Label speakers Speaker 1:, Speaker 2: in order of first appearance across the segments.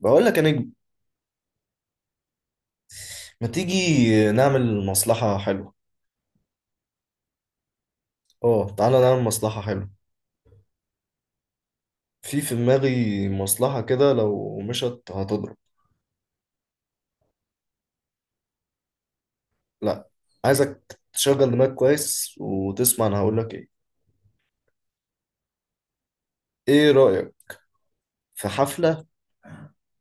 Speaker 1: بقول لك يا نجم، ما تيجي نعمل مصلحة حلوة. اه، تعالى نعمل مصلحة حلوة. في دماغي مصلحة كده لو مشت هتضرب. لا، عايزك تشغل دماغك كويس وتسمع انا هقول لك ايه. ايه رأيك في حفلة؟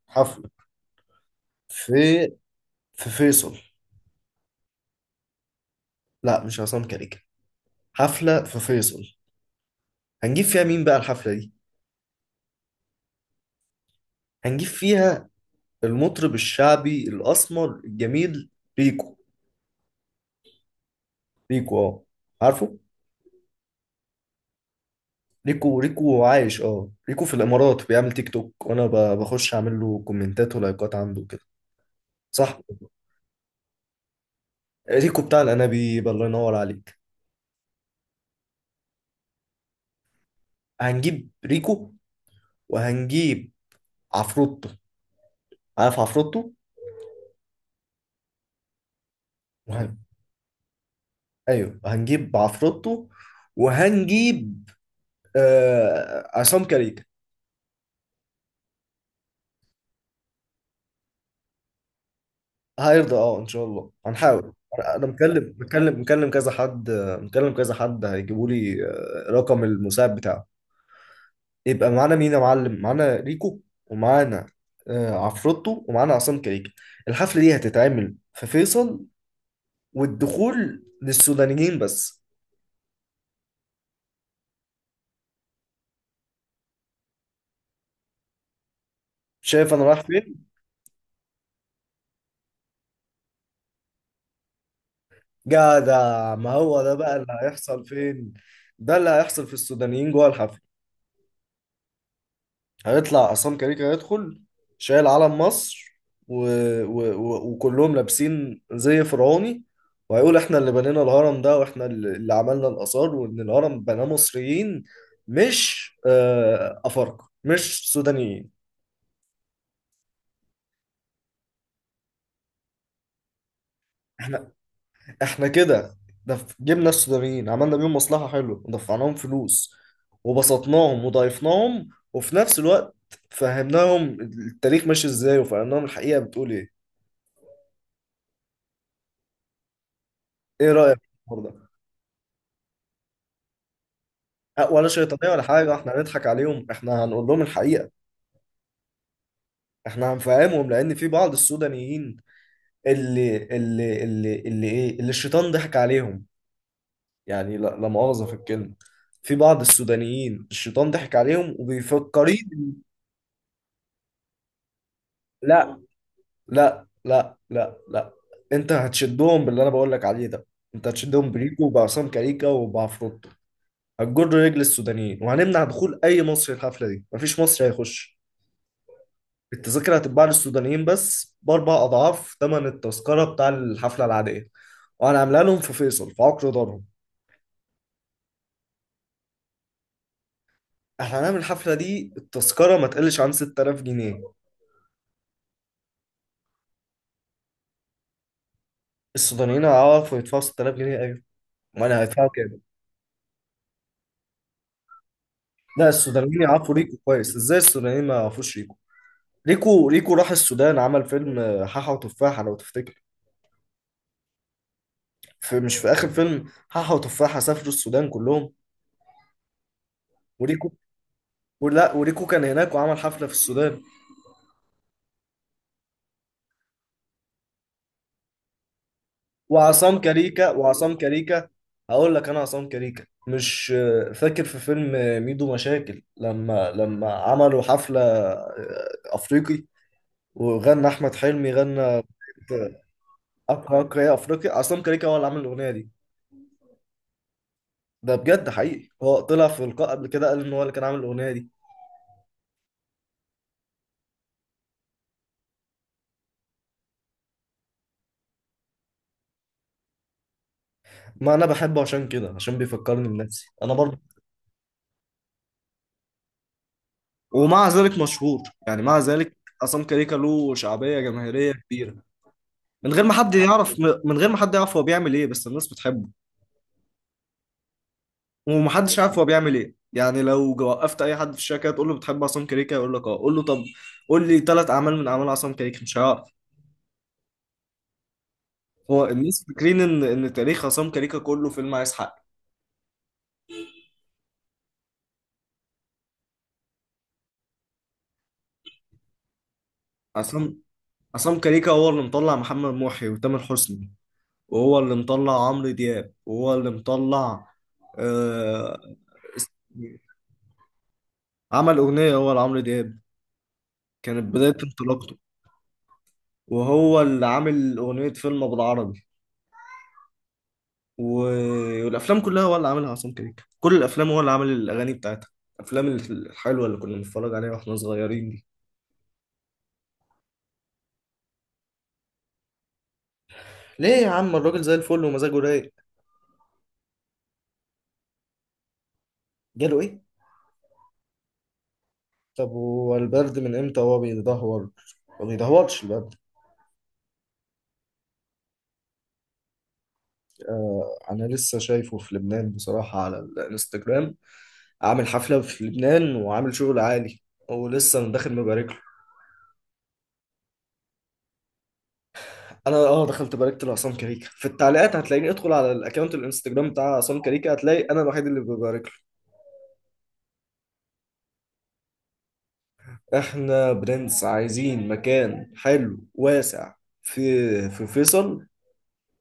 Speaker 1: حفلة في فيصل. لا، مش عصام كاريكا. حفلة في فيصل. هنجيب فيها مين بقى الحفلة دي؟ هنجيب فيها المطرب الشعبي الأسمر الجميل، ريكو. ريكو، اه. عارفه؟ ريكو عايش، اه. ريكو في الامارات بيعمل تيك توك وانا بخش اعمل له كومنتات ولايكات عنده كده، صح. ريكو بتاع الانابيب، الله ينور عليك. هنجيب ريكو وهنجيب عفروتو. عارف عفروتو؟ وهن... ايوه هنجيب عفروتو وهنجيب عصام كاريكا. هيرضى، اه ان شاء الله هنحاول. انا مكلم كذا حد. مكلم كذا حد هيجيبوا لي رقم المساعد بتاعه. يبقى معانا مين يا معلم؟ معانا ريكو ومعانا عفروتو ومعانا عصام كريكة. الحفلة دي هتتعمل في فيصل والدخول للسودانيين بس. شايف انا رايح فين؟ جدع، ما هو ده بقى اللي هيحصل. فين؟ ده اللي هيحصل في السودانيين جوه الحفلة. هيطلع عصام كاريكا هيدخل شايل علم مصر و... وكلهم لابسين زي فرعوني. وهيقول احنا اللي بنينا الهرم ده واحنا اللي عملنا الآثار وان الهرم بناه مصريين مش أفارقة مش سودانيين. احنا احنا كده جبنا السودانيين عملنا بيهم مصلحة حلوة ودفعناهم فلوس وبسطناهم وضايفناهم وفي نفس الوقت فهمناهم التاريخ ماشي ازاي وفهمناهم الحقيقة بتقول ايه. ايه رأيك في الحوار ده؟ ولا شيطانية ولا حاجة، احنا هنضحك عليهم، احنا هنقول لهم الحقيقة. احنا هنفهمهم لأن في بعض السودانيين اللي الشيطان ضحك عليهم، يعني لا، لا مؤاخذة في الكلمة. في بعض السودانيين الشيطان ضحك عليهم وبيفكرين. لا لا لا لا لا، انت هتشدهم باللي انا بقول لك عليه ده. انت هتشدهم بريكو وبعصام كاريكا وبعفروتو، هتجر رجل السودانيين. وهنمنع دخول اي مصري الحفلة دي، مفيش مصري هيخش. التذاكر هتتباع للسودانيين بس بأربع أضعاف ثمن التذكرة بتاع الحفلة العادية. وأنا عاملها لهم في فيصل في عقر دارهم. احنا هنعمل الحفلة دي التذكرة ما تقلش عن 6000 جنيه. السودانيين هيعرفوا يدفعوا 6000 جنيه؟ أيوة. وأنا هيدفعوا كام؟ لا، السودانيين يعرفوا ريكو كويس. إزاي السودانيين ما يعرفوش ريكو؟ ريكو راح السودان عمل فيلم حاحة وتفاحة لو تفتكر. في مش في آخر فيلم حاحة وتفاحة سافروا السودان كلهم وريكو. ولا وريكو كان هناك وعمل حفلة في السودان. وعصام كاريكا هقول لك انا، عصام كاريكا مش فاكر في فيلم ميدو مشاكل لما عملوا حفلة افريقي وغنى احمد حلمي غنى اقرا اقرا يا افريقي. عصام كاريكا هو اللي عامل الاغنية دي. ده بجد حقيقي، هو طلع في لقاء قبل كده قال ان هو اللي كان عامل الاغنية دي. ما انا بحبه عشان كده، عشان بيفكرني بنفسي انا برضه. ومع ذلك مشهور، يعني مع ذلك عصام كاريكا له شعبية جماهيرية كبيرة من غير ما حد حتى يعرف. من غير ما حد يعرف هو بيعمل ايه بس الناس بتحبه. ومحدش عارف هو بيعمل ايه يعني. لو وقفت اي حد في الشركه تقول له بتحب عصام كريكه يقول لك اه. قول له طب قول لي ثلاث اعمال من اعمال عصام كريكه، مش هيعرف. هو الناس فاكرين ان تاريخ عصام كريكه كله فيلم عايز حق. عصام عصام كريكه هو اللي مطلع محمد محي وتامر حسني وهو اللي مطلع عمرو دياب وهو اللي مطلع آه... اس- عمل اغنيه هو لعمرو دياب كانت بدايه انطلاقته. وهو اللي عامل أغنية فيلم بالعربي و... والأفلام كلها هو اللي عاملها. عصام كريكة كل الأفلام هو اللي عامل الأغاني بتاعتها، الأفلام الحلوة اللي كنا بنتفرج عليها وإحنا صغيرين دي. ليه يا عم؟ الراجل زي الفل ومزاجه رايق. جاله إيه؟ طب هو البرد من إمتى هو بيدهور؟ ما بيدهورش البرد. آه، أنا لسه شايفه في لبنان بصراحة على الإنستجرام، عامل حفلة في لبنان وعامل شغل عالي. ولسه أنا داخل مبارك له. انا اه دخلت باركت لعصام كاريكا في التعليقات، هتلاقيني ادخل على الاكونت الانستجرام بتاع عصام كاريكا هتلاقي انا الوحيد اللي ببارك له. احنا برنس، عايزين مكان حلو واسع في فيصل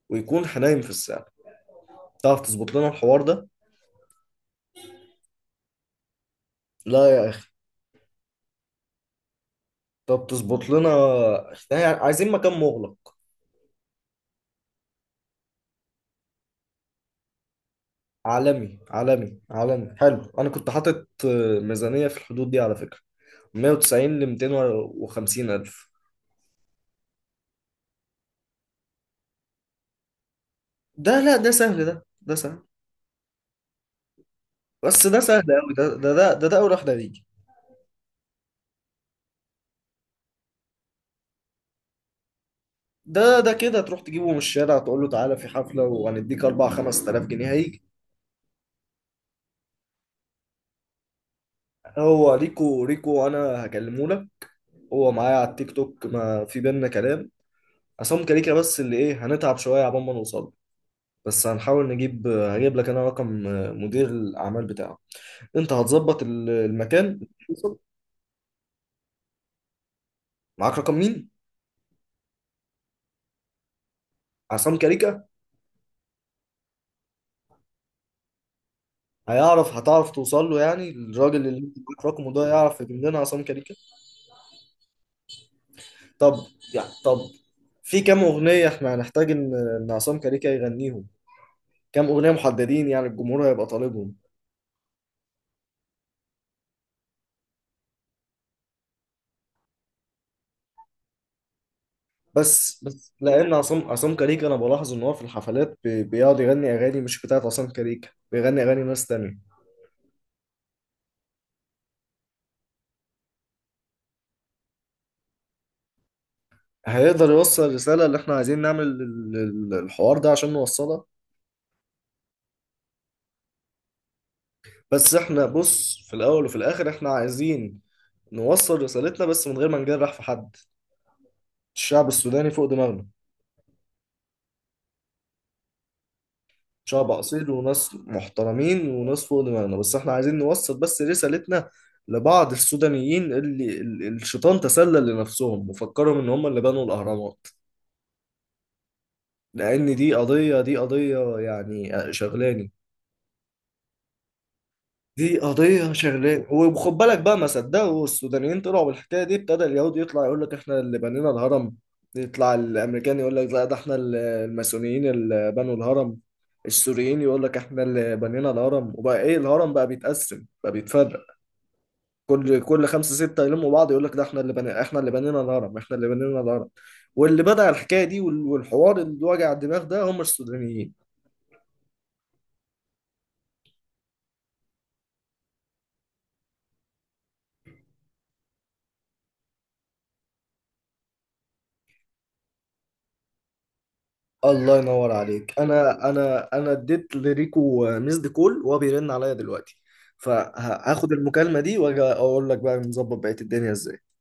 Speaker 1: ويكون حنايم في الساعة. تعرف تظبط لنا الحوار ده؟ لا يا اخي، طب تظبط لنا، احنا عايزين مكان مغلق عالمي عالمي عالمي حلو. انا كنت حاطط ميزانية في الحدود دي على فكرة، 190 ل 250 الف. ده لا ده سهل، ده سهل. بس ده سهل قوي، ده اول واحد هيجي. ده كده تروح تجيبه من الشارع تقول له تعالى في حفلة وهنديك 4 5000 جنيه هيجي. هو ريكو انا هكلمه لك، هو معايا على التيك توك ما في بينا كلام. عصام كاريكا بس اللي ايه، هنتعب شوية عبال ما نوصل له. بس هنحاول نجيب. هجيب لك انا رقم مدير الاعمال بتاعه، انت هتظبط المكان. معاك رقم مين؟ عصام كاريكا؟ هيعرف هتعرف توصل له يعني؟ الراجل اللي انت معاك رقمه ده يعرف يجيب لنا عصام كاريكا؟ طب، يا طب، في كام اغنيه احنا هنحتاج ان عصام كاريكا يغنيهم؟ كام اغنيه محددين يعني الجمهور هيبقى طالبهم؟ بس لان عصام كاريكا انا بلاحظ ان هو في الحفلات بيقعد يغني اغاني مش بتاعت عصام كاريكا، بيغني اغاني ناس تانية. هيقدر يوصل الرساله اللي احنا عايزين نعمل الحوار ده عشان نوصلها؟ بس احنا بص، في الاول وفي الاخر احنا عايزين نوصل رسالتنا بس من غير ما نجرح في حد. الشعب السوداني فوق دماغنا، شعب أصيل وناس محترمين وناس فوق دماغنا. بس احنا عايزين نوصل بس رسالتنا لبعض السودانيين اللي الشيطان تسلل لنفسهم وفكرهم ان هم اللي بنوا الأهرامات. لأن دي قضية، دي قضية يعني شغلاني، دي قضية شغلانة. وخد بالك بقى ما صدقوا السودانيين طلعوا بالحكاية دي ابتدى اليهودي يطلع يقول لك احنا اللي بنينا الهرم. يطلع الأمريكان يقول لك لا، ده احنا الماسونيين اللي بنوا الهرم. السوريين يقول لك احنا اللي بنينا الهرم. وبقى ايه الهرم بقى بيتقسم بقى بيتفرق؟ كل خمسة ستة يلموا بعض يقول لك ده احنا اللي بنينا الهرم، احنا اللي بنينا الهرم. واللي بدأ الحكاية دي والحوار اللي وجع الدماغ ده هم السودانيين. الله ينور عليك. انا انا اديت لريكو ميسد كول وهو بيرن عليا دلوقتي، فهاخد المكالمة دي واجي اقول لك بقى نظبط بقية الدنيا ازاي.